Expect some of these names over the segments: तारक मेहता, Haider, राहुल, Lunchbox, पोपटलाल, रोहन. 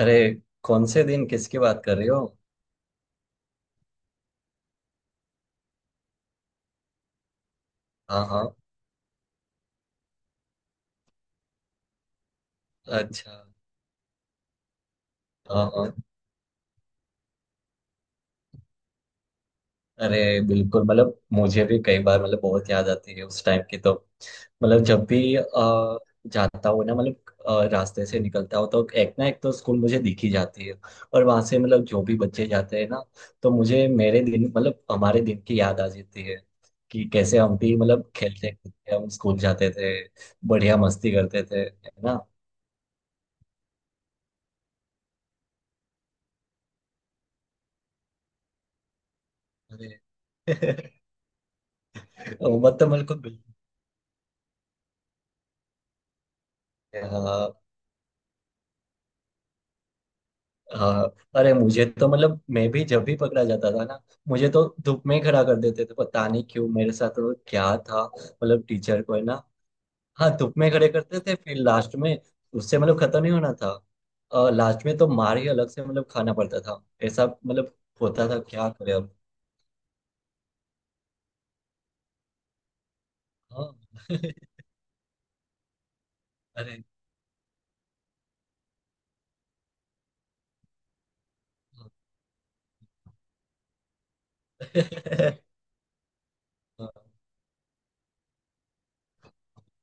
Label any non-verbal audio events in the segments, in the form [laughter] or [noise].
अरे, कौन से दिन, किसकी बात कर रही हो? हाँ हाँ। अच्छा। हाँ हाँ। अरे बिल्कुल, मतलब मुझे भी कई बार मतलब बहुत याद आती है उस टाइम की। तो मतलब जब भी जाता हूँ ना, मतलब रास्ते से निकलता हूँ तो एक ना एक तो स्कूल मुझे दिख ही जाती है। और वहां से मतलब जो भी बच्चे जाते हैं ना, तो मुझे मेरे दिन मतलब हमारे दिन की याद आ जाती है कि कैसे हम भी मतलब खेलते खेलते हम स्कूल जाते थे। बढ़िया मस्ती करते थे, है ना। अरे। [laughs] उम्र तो बिल्कुल बिल्कुल है, हाँ। हाँ अरे, मुझे तो मतलब मैं भी जब भी पकड़ा जाता था ना, मुझे तो धूप में ही खड़ा कर देते थे। पता नहीं क्यों मेरे साथ, तो क्या था मतलब टीचर को, है ना। हाँ धूप में खड़े करते थे फिर लास्ट में उससे मतलब खत्म ही होना था। लास्ट में तो मार ही अलग से मतलब खाना पड़ता था, ऐसा मतलब होता था। क्या करे अब। हाँ। [laughs] अरे हाँ।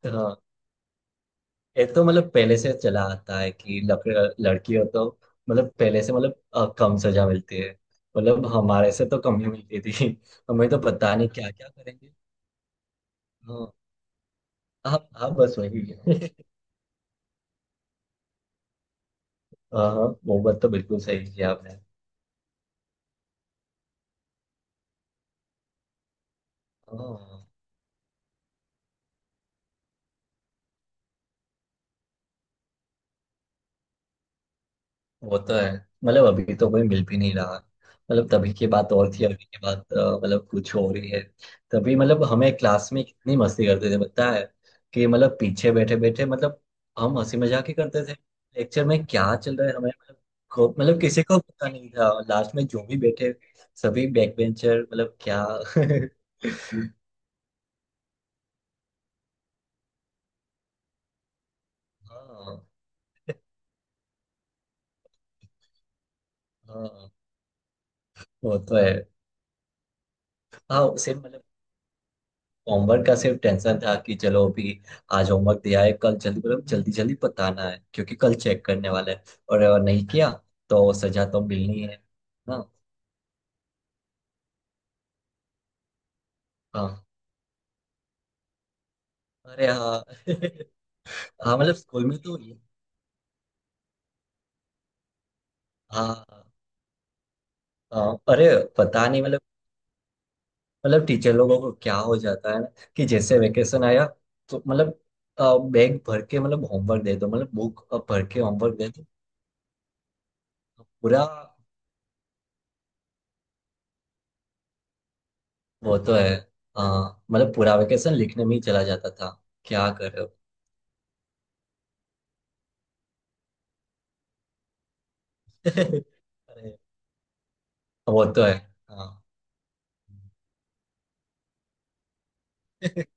[laughs] हाँ एक तो मतलब पहले से चला आता है कि लड़की हो तो मतलब पहले से मतलब कम सजा मिलती है। मतलब हमारे से तो कम ही मिलती थी। [laughs] हमें तो पता नहीं क्या क्या करेंगे। हाँ। हाँ हाँ, बस वही है। [laughs] हाँ हाँ, वो बात तो बिल्कुल सही की आपने। हाँ वो तो है। मतलब अभी तो कोई मिल भी नहीं रहा। मतलब तभी की बात और थी, अभी की बात मतलब कुछ हो रही है। तभी मतलब हमें क्लास में कितनी मस्ती करते थे पता है, कि मतलब पीछे बैठे बैठे मतलब हम हंसी मजाक ही करते थे। लेक्चर में क्या चल रहा है हमें मतलब मतलब किसी को पता नहीं था। लास्ट में जो भी बैठे सभी बैक बेंचर, मतलब क्या। [laughs] हाँ हाँ वो तो है। हाँ सेम मतलब होमवर्क का सिर्फ टेंशन था कि चलो अभी आज होमवर्क दिया है, कल जल्दी मतलब जल्दी जल्दी बताना है क्योंकि कल चेक करने वाला है। और अगर नहीं किया तो सजा तो मिलनी है ना। हाँ अरे हाँ। [laughs] हाँ मतलब स्कूल में तो हाँ। हाँ अरे, पता नहीं मतलब, मतलब टीचर लोगों को क्या हो जाता है ना, कि जैसे वेकेशन आया तो मतलब बैग भर के मतलब होमवर्क दे दो, मतलब बुक भर के होमवर्क दे दो, पूरा। वो तो है। हाँ मतलब पूरा वेकेशन लिखने में ही चला जाता था। क्या कर रहे हो। [laughs] अरे वो तो है। हाँ। [laughs]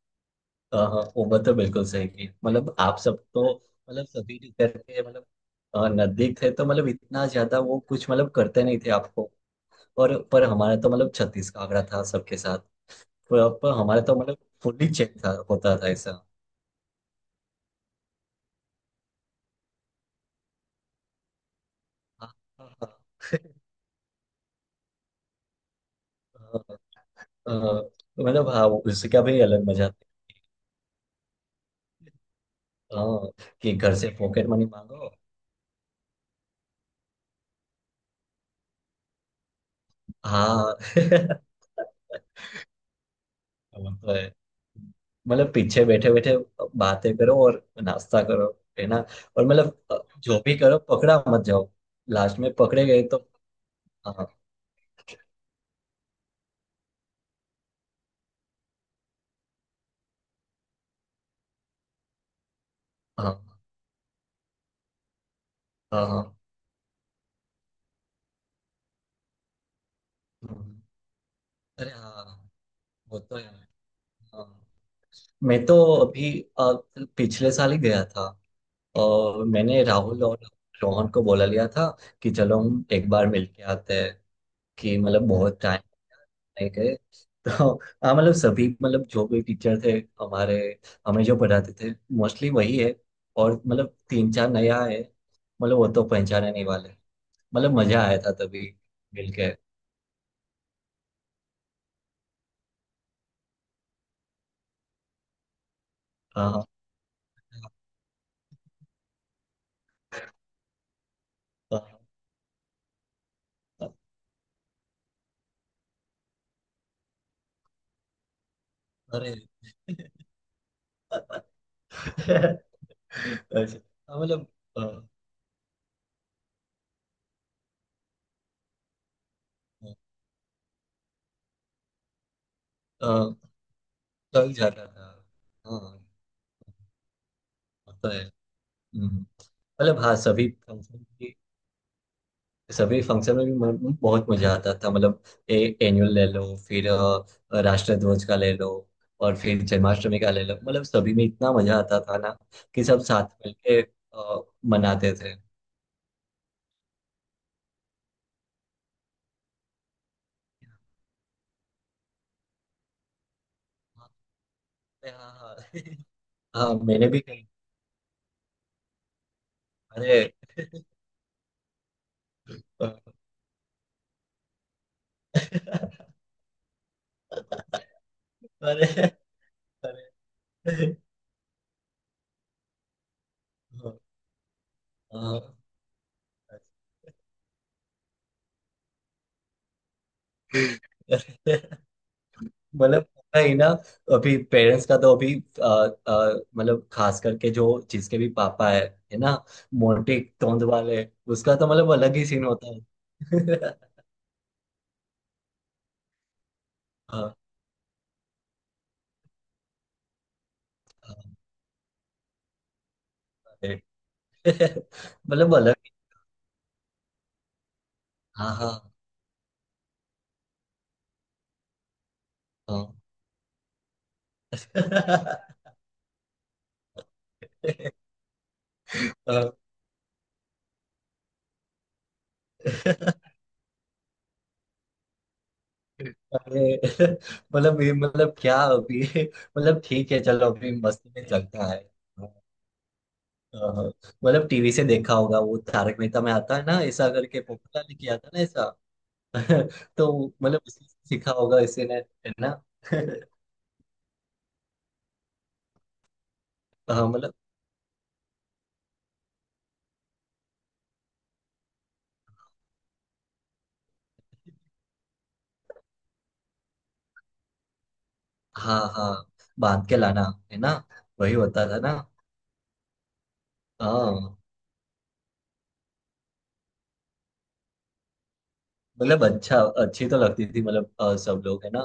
हाँ हाँ, वो बात तो बिल्कुल सही की मतलब आप सब तो मतलब सभी टीचर के मतलब नजदीक थे तो मतलब इतना ज्यादा वो कुछ मतलब करते नहीं थे आपको। और पर हमारा तो मतलब छत्तीस का आंकड़ा था सबके साथ। पर हमारा तो मतलब फुल्ली चेक था, होता था ऐसा। हाँ हाँ हाँ। [laughs] अ, अ, मतलब हाँ उसका भी अलग मजा था। हाँ, कि घर से पॉकेट मनी मांगो। हाँ। [laughs] वो तो है, मतलब पीछे बैठे बैठे बातें करो और नाश्ता करो, है ना। और मतलब जो भी करो पकड़ा मत जाओ, लास्ट में पकड़े गए तो। हाँ हाँ हाँ हाँ। हम्म। अरे हाँ। वो तो है। हाँ। मैं तो अभी अ, पिछले साल ही गया था। और मैंने राहुल और रोहन को बोला लिया था कि चलो हम एक बार मिल के आते हैं, कि मतलब बहुत नहीं गए तो। हाँ मतलब सभी, मतलब जो भी टीचर थे हमारे, हमें जो पढ़ाते थे, मोस्टली वही है। और मतलब तीन चार नया है, मतलब वो तो पहचाने नहीं वाले। मतलब मजा आया था तभी मिलके। हाँ हाँ हाँ, हाँ, अरे अच्छा, हाँ, मतलब अ, अ, लग जाता था। हाँ होता है। हम्म, मतलब हाँ सभी फंक्शन, सभी फंक्शन में भी बहुत मजा आता था। मतलब एनुअल ले लो, फिर राष्ट्रध्वज का ले लो, और फिर जन्माष्टमी का ले लो, मतलब सभी में इतना मजा आता था ना, कि सब साथ मिलके मनाते थे। हाँ हाँ। [laughs] हाँ मैंने भी कही। अरे। [laughs] अरे अरे हाँ, हाँ। मतलब होता ही ना। अभी पेरेंट्स का तो अभी मतलब खास करके जो जिसके भी पापा है ना, मोटे तोंद वाले, उसका तो मतलब अलग ही सीन होता है। [laughs] हाँ, हाँ, अरे। [laughs] मतलब हाँ हाँ हाँ। [laughs] हाँ। अरे मतलब ये, मतलब क्या अभी, [laughs] मतलब ठीक है चलो अभी मस्ती में चलता है। हाँ, मतलब टीवी से देखा होगा, वो तारक मेहता में आता है ना, ऐसा करके पोपटलाल ने किया था ना ऐसा। [laughs] तो मतलब उसी से सीखा होगा इसे ने, है ना। [laughs] हाँ मतलब, हाँ हाँ बांध के लाना, है ना, वही होता था ना। हाँ मतलब अच्छा, अच्छी तो लगती थी मतलब सब लोग, है ना।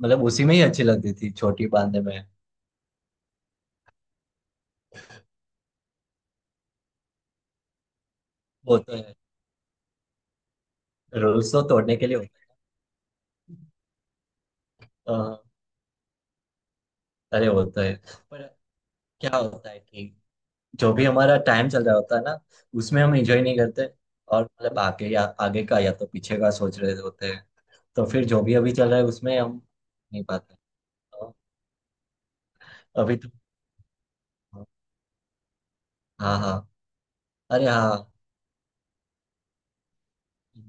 मतलब उसी में ही अच्छी लगती थी छोटी बांधने में। वो तो है। रूल्स तो तोड़ने के लिए होता है अरे वो तो है। पर क्या होता है कि जो भी हमारा टाइम चल रहा होता है ना, उसमें हम एंजॉय नहीं करते। और मतलब आगे या आगे का या तो पीछे का सोच रहे होते हैं, तो फिर जो भी अभी चल रहा है उसमें हम नहीं पाते। तो अभी तो हाँ हाँ। अरे हाँ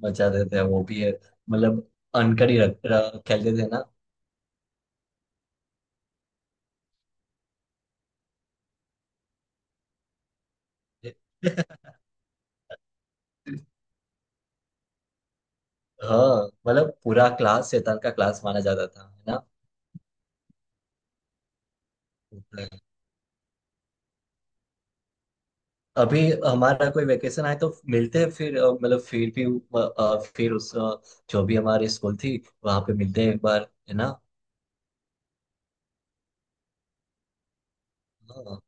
मजा देते हैं वो भी है, मतलब अनकर ही रख, रख- खेलते थे ना। [laughs] हाँ मतलब पूरा क्लास शैतान का क्लास माना जाता था, है ना। अभी हमारा कोई वेकेशन आए तो मिलते हैं फिर, मतलब फिर भी फिर उस जो भी हमारी स्कूल थी, वहां पे मिलते हैं एक बार, है ना। हाँ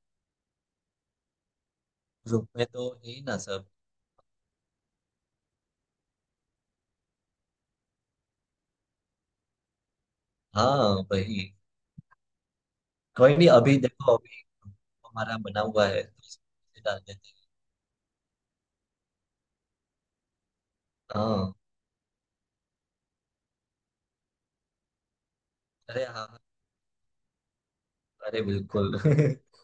ग्रुप में तो है ही ना सब। हाँ वही। कोई नहीं, अभी देखो अभी हमारा बना हुआ है तो इसमें डाल देते हैं। हाँ। अरे हाँ हाँ, अरे बिल्कुल। [laughs]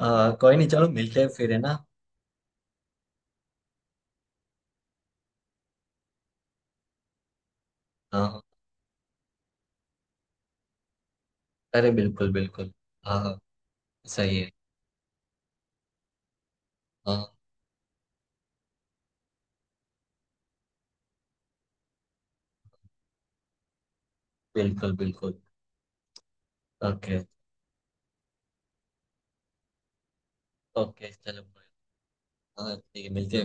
हाँ कोई नहीं चलो मिलते हैं फिर, है ना। हाँ हाँ, अरे बिल्कुल बिल्कुल। हाँ हाँ। सही है। हाँ। बिल्कुल बिल्कुल। ओके। ओके चलो। हाँ ठीक है, मिलते हैं।